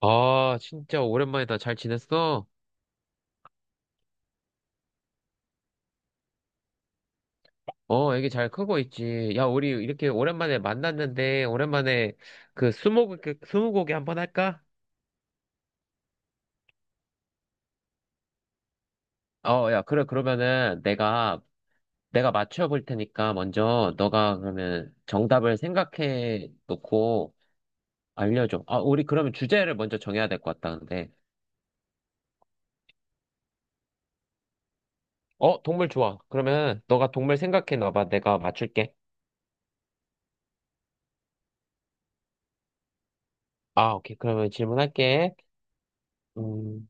아, 진짜 오랜만이다. 잘 지냈어? 어, 애기 잘 크고 있지. 야, 우리 이렇게 오랜만에 만났는데, 오랜만에 그 스무고개 한번 할까? 어, 야, 그래. 그러면은 내가 맞춰볼 테니까 먼저 너가 그러면 정답을 생각해 놓고 알려줘. 아, 우리 그러면 주제를 먼저 정해야 될 것 같다는데. 어, 동물 좋아. 그러면 너가 동물 생각해 놔봐. 내가 맞출게. 아, 오케이. 그러면 질문할게. 음.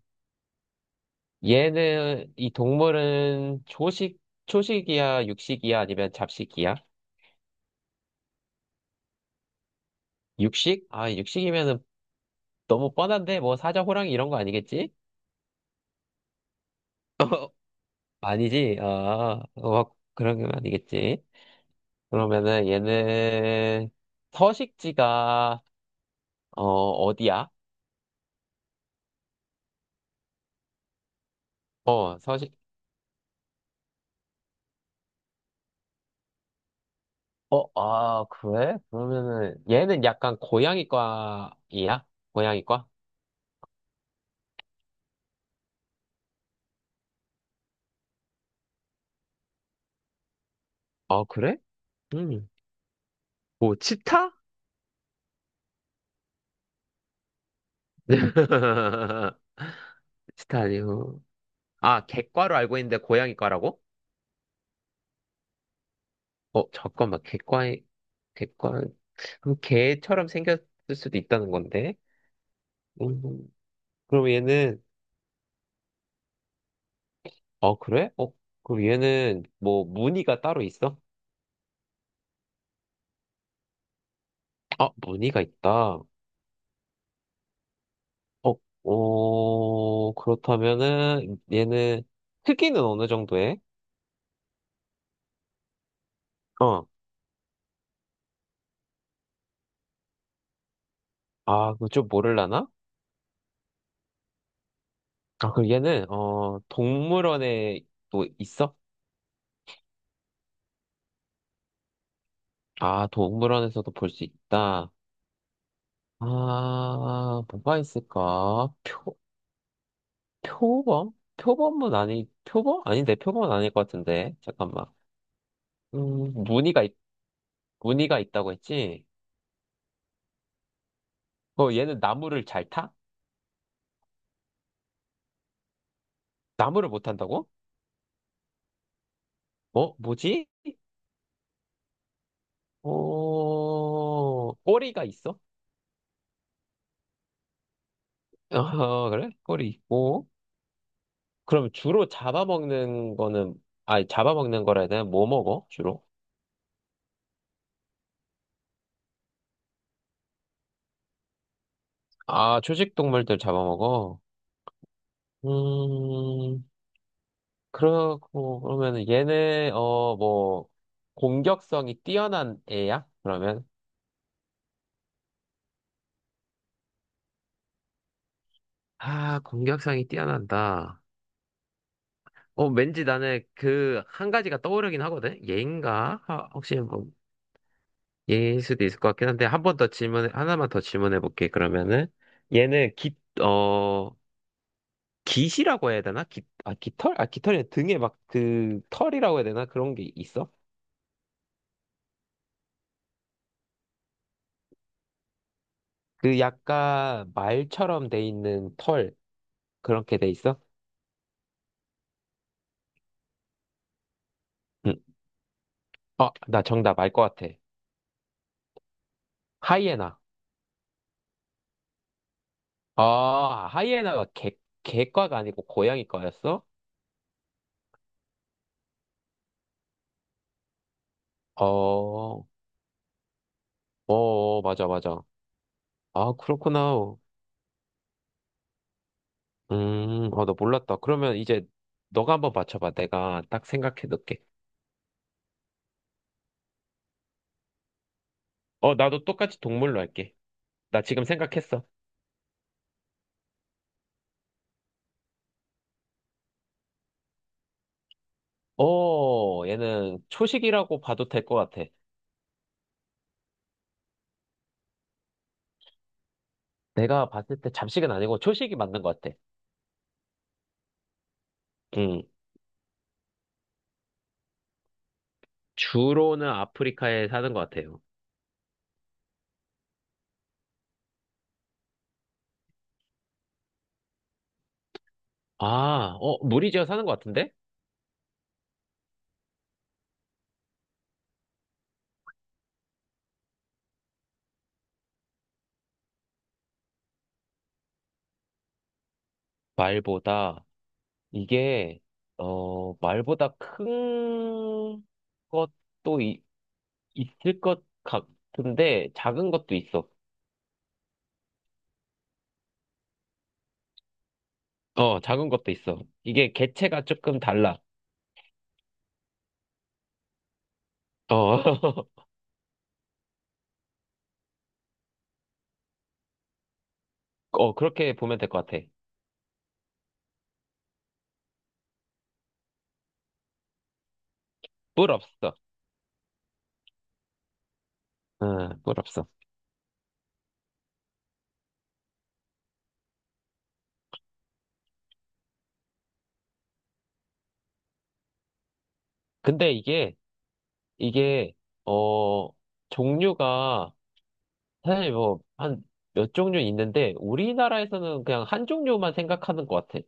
얘는, 이 동물은 초식이야, 육식이야, 아니면 잡식이야? 육식? 아, 육식이면은 너무 뻔한데, 뭐 사자, 호랑이 이런 거 아니겠지? 아니지, 아, 어, 그런 건 아니겠지. 그러면은 얘는 서식지가, 어, 어디야? 어, 서식, 어, 아, 그래? 그러면은 얘는 약간 고양이과이야? 고양이과? 어, 그래? 음. 뭐, 치타? 치타 아니고. 아, 객과로 알고 있는데 고양이과라고? 어, 잠깐만, 객과에, 객과, 그럼 개처럼 생겼을 수도 있다는 건데? 음, 그럼 얘는, 어, 그래? 어, 그럼 얘는 뭐 무늬가 따로 있어? 아, 무늬가 있다. 어, 어, 그렇다면은 얘는 크기는 어느 정도 해? 어, 아, 그거 좀 모를라나? 아, 그럼 얘는, 어, 동물원에 또 있어? 아, 동물원에서도 볼 수 있다. 아, 뭐가 있을까? 표, 표범? 표범은 아니, 표범? 아닌데, 표범은 아닐 것 같은데. 잠깐만. 무늬가, 있, 무늬가 있다고 했지? 어, 얘는 나무를 잘 타? 나무를 못 탄다고? 어, 뭐지? 어, 꼬리가 있어? 어, 그래? 꼬리 있고. 그럼 주로 잡아먹는 거는, 아니, 잡아먹는 거라 해야 되나? 뭐 먹어, 주로? 아, 초식 동물들 잡아먹어? 음, 그러고, 그러면은 얘네, 어, 뭐, 공격성이 뛰어난 애야? 그러면? 아, 공격성이 뛰어난다. 어, 왠지 나는 그, 한 가지가 떠오르긴 하거든? 얘인가? 아, 혹시 뭐, 얘일 수도 있을 것 같긴 한데, 한 번 더 질문, 하나만 더 질문해 볼게, 그러면은. 얘는 깃, 어, 깃이라고 해야 되나? 깃, 아, 깃털? 아, 깃털이 아니라 등에 막 그, 털이라고 해야 되나? 그런 게 있어? 그 약간 말처럼 돼 있는 털, 그렇게 돼 있어? 응. 어, 나 정답 알 것 같아. 하이에나. 아, 하이에나가 개, 개과가 아니고 고양이과였어? 어, 어, 어, 맞아, 맞아. 아, 그렇구나. 어, 나 몰랐다. 그러면 이제 너가 한번 맞춰봐. 내가 딱 생각해 놓을게. 어, 나도 똑같이 동물로 할게. 나 지금 생각했어. 어, 얘는 초식이라고 봐도 될 것 같아. 내가 봤을 때 잡식은 아니고 초식이 맞는 것 같아. 음, 주로는 아프리카에 사는 것 같아요. 아, 어, 무리지어 사는 것 같은데? 말보다 이게 어 말보다 큰 것도 있을 것 같은데 작은 것도 있어. 어, 작은 것도 있어. 이게 개체가 조금 달라. 어, 어 그렇게 보면 될 것 같아. 뿔 없어. 응, 뿔 없어. 근데 이게 어 종류가 사실 뭐 한 몇 종류 있는데 우리나라에서는 그냥 한 종류만 생각하는 것 같아.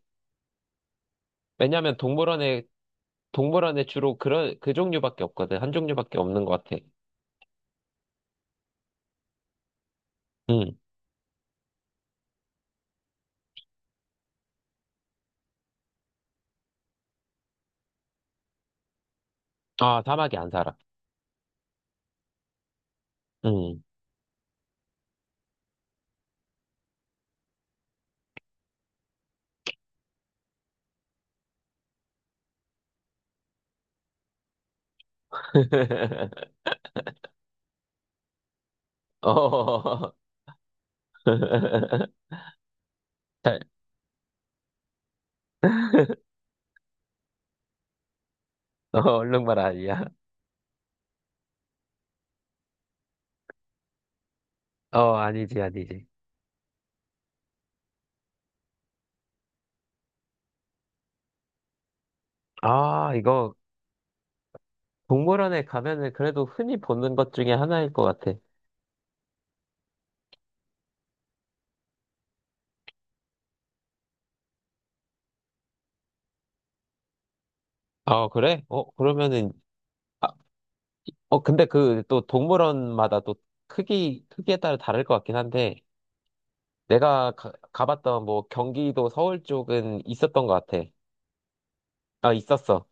왜냐하면 동물원에 주로 그런, 그 종류밖에 없거든. 한 종류밖에 없는 것 같아. 응. 아, 사막에 안 살아. 응. 어. 잘- 어, 얼룩말 아니야. 어, 아니지. 아, 이거 동물원에 가면은 그래도 흔히 보는 것 중에 하나일 것 같아. 아, 그래? 어, 그러면은, 아, 어, 근데 그 또 동물원마다 또 크기, 크기에 따라 다를 것 같긴 한데, 내가 가봤던 뭐 경기도 서울 쪽은 있었던 것 같아. 아, 있었어.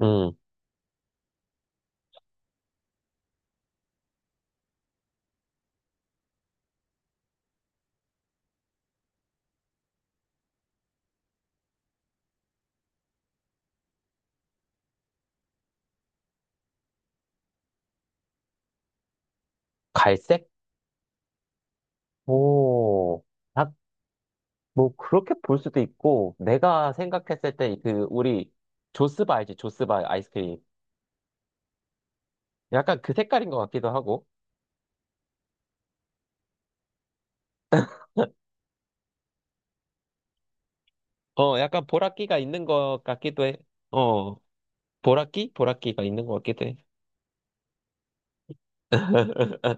음, 갈색? 오, 딱, 뭐, 그렇게 볼 수도 있고, 내가 생각했을 때, 그, 우리, 조스바 알지? 조스바 아이스크림. 약간 그 색깔인 것 같기도 하고, 어, 약간 보라끼가 있는 것 같기도 해. 어, 보라끼? 보라끼가 있는 것 같기도 해.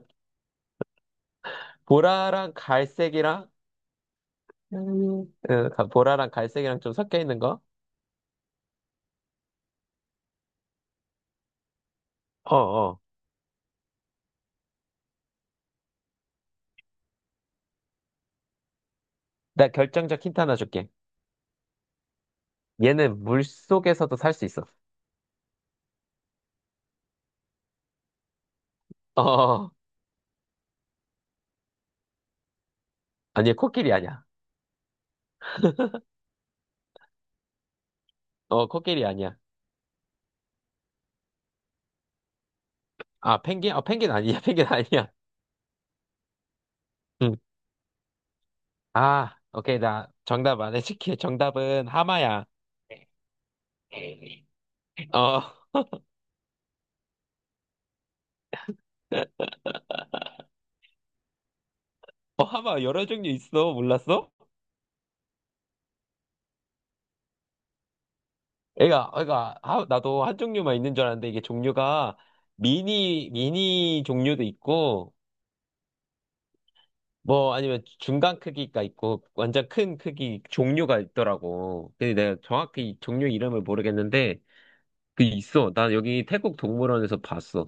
보라랑 갈색이랑, 음, 어, 보라랑 갈색이랑 좀 섞여 있는 거? 어, 어. 나 결정적 힌트 하나 줄게. 얘는 물 속에서도 살 수 있어. 어, 어. 아니, 코끼리 아니야. 어, 코끼리 아니야. 아, 펭귄? 어, 펭귄 아니야, 펭귄 아니야. 응. 아, 오케이, 나 정답 안 해줄게. 정답은 하마야. 어, 어, 하마 여러 종류 있어. 몰랐어? 나도 한 종류만 있는 줄 알았는데 이게 종류가 미니 종류도 있고, 뭐 아니면 중간 크기가 있고, 완전 큰 크기 종류가 있더라고. 근데 내가 정확히 종류 이름을 모르겠는데, 그 있어. 난 여기 태국 동물원에서 봤어.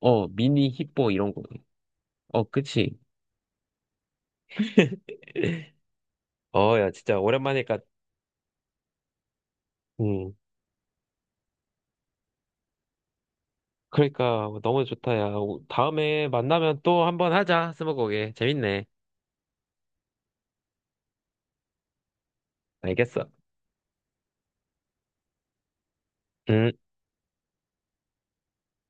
어, 미니 힙보 이런 거. 어, 그치. 어, 야, 진짜 오랜만이니까, 음, 그러니까 너무 좋다, 야. 다음에 만나면 또 한번 하자, 스무고개. 재밌네. 알겠어. 음.